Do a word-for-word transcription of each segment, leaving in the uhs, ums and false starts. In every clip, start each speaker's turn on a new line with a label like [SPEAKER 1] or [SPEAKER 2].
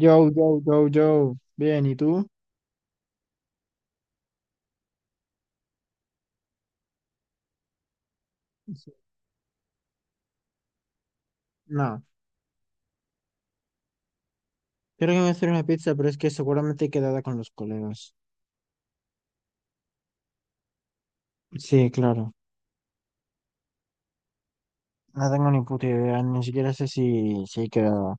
[SPEAKER 1] Yo, yo, yo, yo. Bien, ¿y tú? Sí. No, creo que me voy a hacer una pizza, pero es que seguramente he quedado con los colegas. Sí, claro. No tengo ni puta idea, ni siquiera sé si, si he quedado.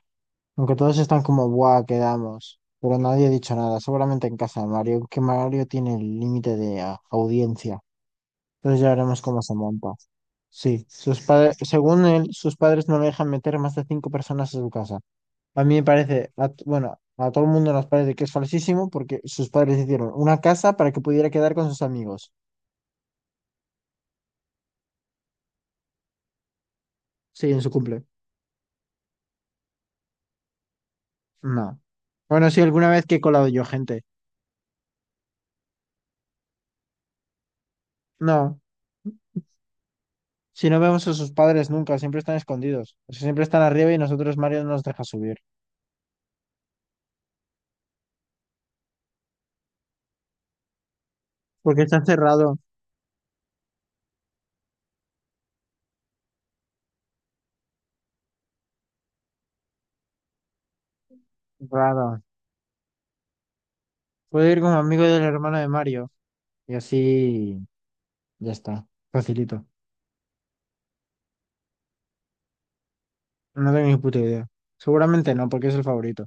[SPEAKER 1] Aunque todos están como, buah, quedamos. Pero nadie ha dicho nada, seguramente en casa de Mario, que Mario tiene el límite de ah, audiencia. Entonces ya veremos cómo se monta. Sí, sus padres, según él, sus padres no le dejan meter más de cinco personas a su casa. A mí me parece, a t- bueno, a todo el mundo nos parece que es falsísimo porque sus padres hicieron una casa para que pudiera quedar con sus amigos. Sí, en su cumple. No. Bueno, sí, alguna vez que he colado yo gente. No. Si no vemos a sus padres nunca, siempre están escondidos. O sea, siempre están arriba y nosotros Mario no nos deja subir. Porque está cerrado. Raro. Puedo ir como amigo del hermano de Mario. Y así ya está. Facilito. No tengo ni puta idea. Seguramente no, porque es el favorito.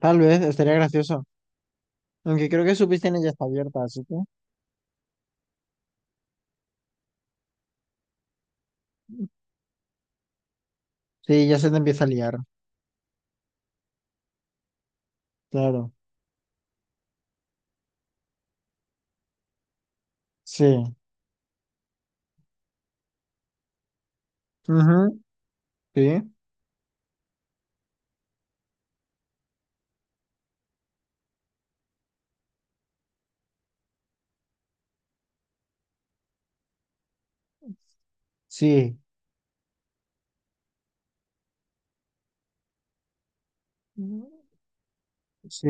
[SPEAKER 1] Tal vez estaría gracioso. Aunque creo que su piscina ya está abierta, así que. Sí, ya se te empieza a liar. Claro. Sí. Ujú. Sí. Sí. Ujú. Sí.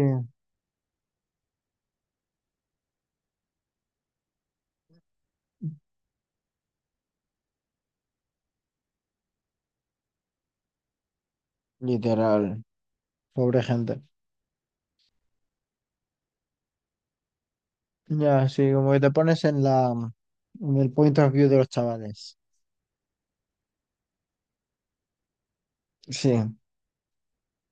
[SPEAKER 1] Literal. Pobre gente. Ya, sí, como que te pones en la, en el point of view de los chavales. Sí.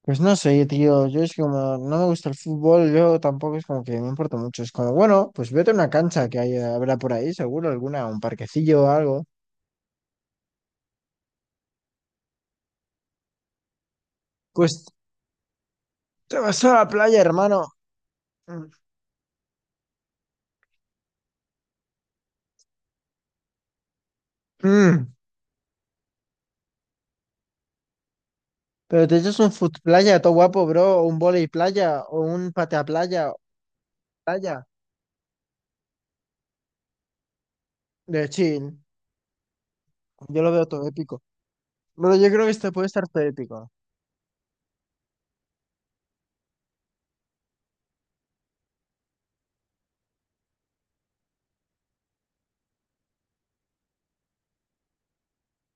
[SPEAKER 1] Pues no sé, tío. Yo es que como, no me gusta el fútbol, yo tampoco es como que me importa mucho. Es como, bueno, pues vete a una cancha que hay, habrá por ahí, seguro, alguna, un parquecillo o algo. Pues te vas a la playa, hermano. Mm. Pero te echas un foot playa, todo guapo, bro, o un volei playa, o un patea playa, playa, de chill. Yo lo veo todo épico. Pero yo creo que esto puede estar todo épico.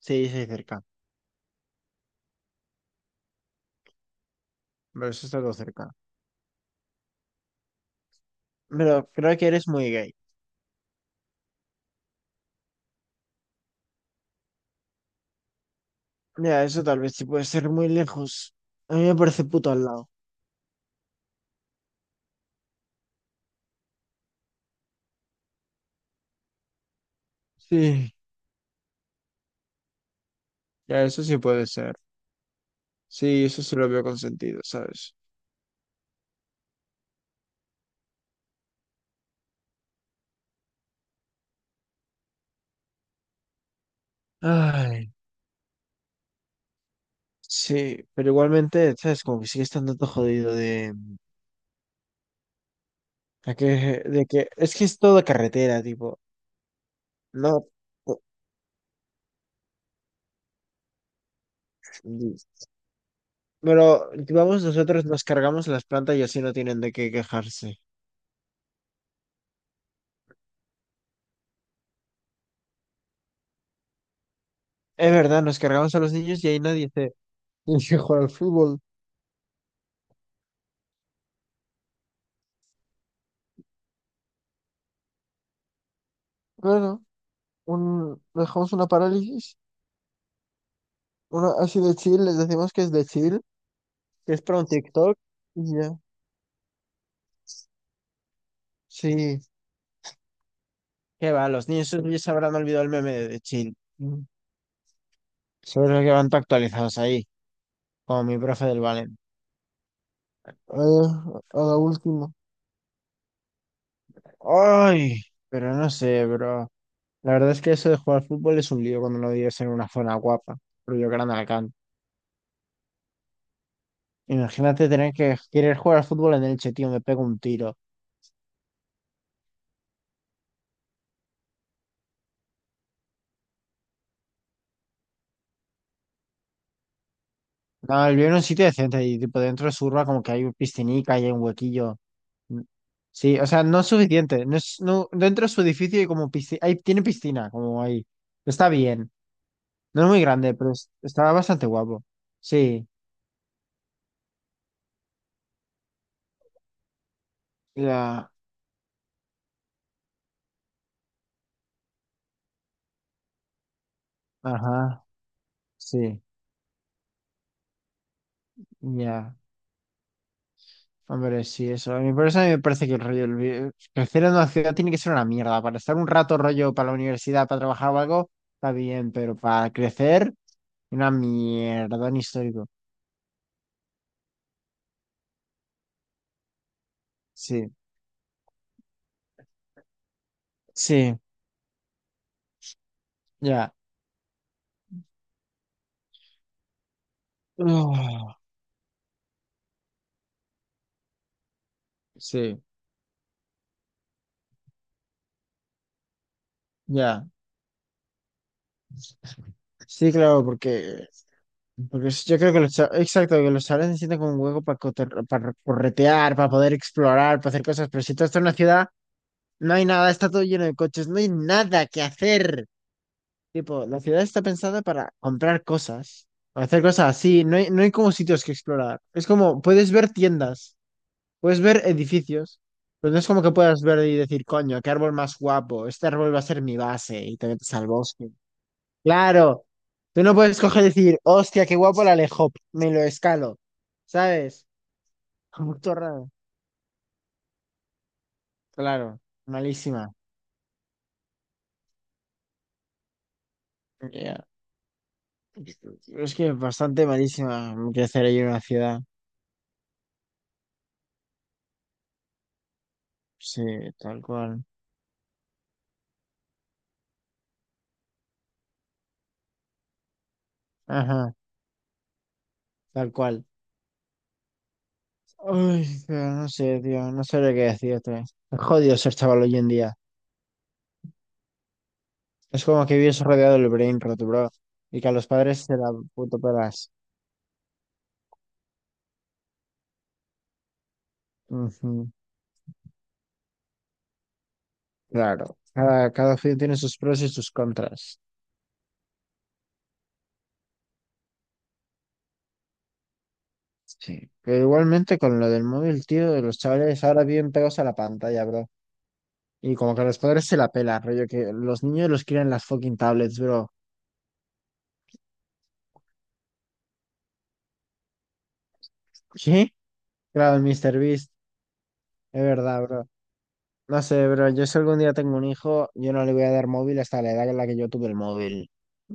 [SPEAKER 1] Sí, sí, cerca. Pero eso está todo cerca. Pero creo que eres muy gay. Mira, eso tal vez sí puede ser muy lejos. A mí me parece puto al lado. Sí, ya, eso sí puede ser. Sí, eso sí lo veo con sentido, ¿sabes? Ay, sí, pero igualmente, ¿sabes? Como que sigue estando todo jodido de... De que, de que es que es toda carretera, tipo. No, po- pero vamos, nosotros nos cargamos las plantas y así no tienen de qué quejarse. Es verdad, nos cargamos a los niños y ahí nadie se elige jugar al fútbol. Bueno, un, dejamos una parálisis, una así de chill, les decimos que es de chill, que es para un TikTok y ya. Sí, qué va, los niños esos ya se habrán olvidado el meme de, de chill. Mm. Seguro que van tan actualizados ahí, como mi profe del Valen. Eh, a la última. Ay, pero no sé, bro. La verdad es que eso de jugar al fútbol es un lío cuando no vives en una zona guapa, rollo Gran alcán. Imagínate tener que querer jugar al fútbol en Elche, tío, me pego un tiro. No, yo en un sitio decente y tipo dentro de su urba como que hay un piscinica y hay un huequillo. Sí, o sea, no es suficiente. No es, no, dentro de su edificio hay como piscina, hay, tiene piscina, como ahí. Está bien. No es muy grande, pero es- está bastante guapo. Sí. La... Ajá. Sí. Ya. Hombre, sí, eso. A mí por eso a mí me parece que el rollo, el vi- crecer en una ciudad tiene que ser una mierda. Para estar un rato rollo para la universidad, para trabajar o algo, está bien, pero para crecer, una mierda, un histórico. Sí, sí, ya. Uf, sí, ya. Sí, claro, porque, porque es- yo creo que los, cha- exacto, que los chavales necesitan como un hueco para, para, corretear, para poder explorar, para hacer cosas, pero si tú estás en una ciudad, no hay nada, está todo lleno de coches, no hay nada que hacer. Tipo, la ciudad está pensada para comprar cosas, para hacer cosas así. No hay, no hay como sitios que explorar. Es como, puedes ver tiendas, puedes ver edificios, pero no es como que puedas ver y decir, coño, qué árbol más guapo, este árbol va a ser mi base y te metes al bosque. Claro, tú no puedes coger y decir, hostia, qué guapo el alejop, me lo escalo, ¿sabes? Como todo raro. Claro, malísima. Ya. Es que es bastante malísima crecer ahí en una ciudad. Sí, tal cual. Ajá. Tal cual. Uy, pero no sé, tío, no sabría qué decirte. Es jodido ser chaval hoy en día. Es como que vives rodeado del brain rot, bro. Y que a los padres se la puto pelas. Ujú. Claro. Cada, cada opción tiene sus pros y sus contras. Sí. Pero igualmente con lo del móvil, tío, los chavales ahora viven pegados a la pantalla, bro. Y como que a los padres se la pela, rollo, que los niños los crían en las fucking tablets, bro. ¿Sí? Claro, el míster Beast. Es verdad, bro. No sé, pero yo si algún día tengo un hijo, yo no le voy a dar móvil hasta la edad en la que yo tuve el móvil,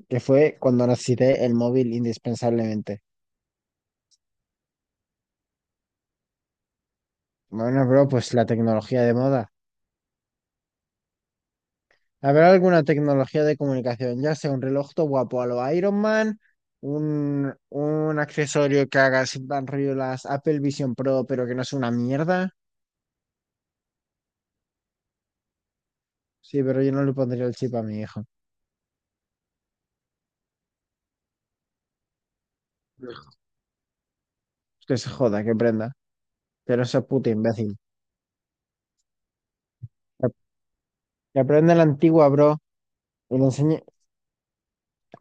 [SPEAKER 1] que fue cuando necesité el móvil indispensablemente. Bueno, bro, pues la tecnología de moda. ¿Habrá alguna tecnología de comunicación? Ya sea un reloj todo guapo a lo Iron Man, un, un accesorio que haga así, en rollo las Apple Vision Pro, pero que no sea una mierda. Sí, pero yo no le pondría el chip a mi hijo. Que se joda, que prenda. Pero ese puto imbécil. Que que aprenda la antigua, bro. Y le enseñe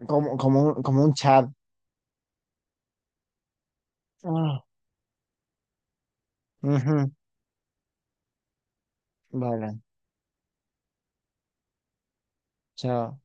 [SPEAKER 1] como, como, un- como un chat. Ah, ujú. Vale, chao.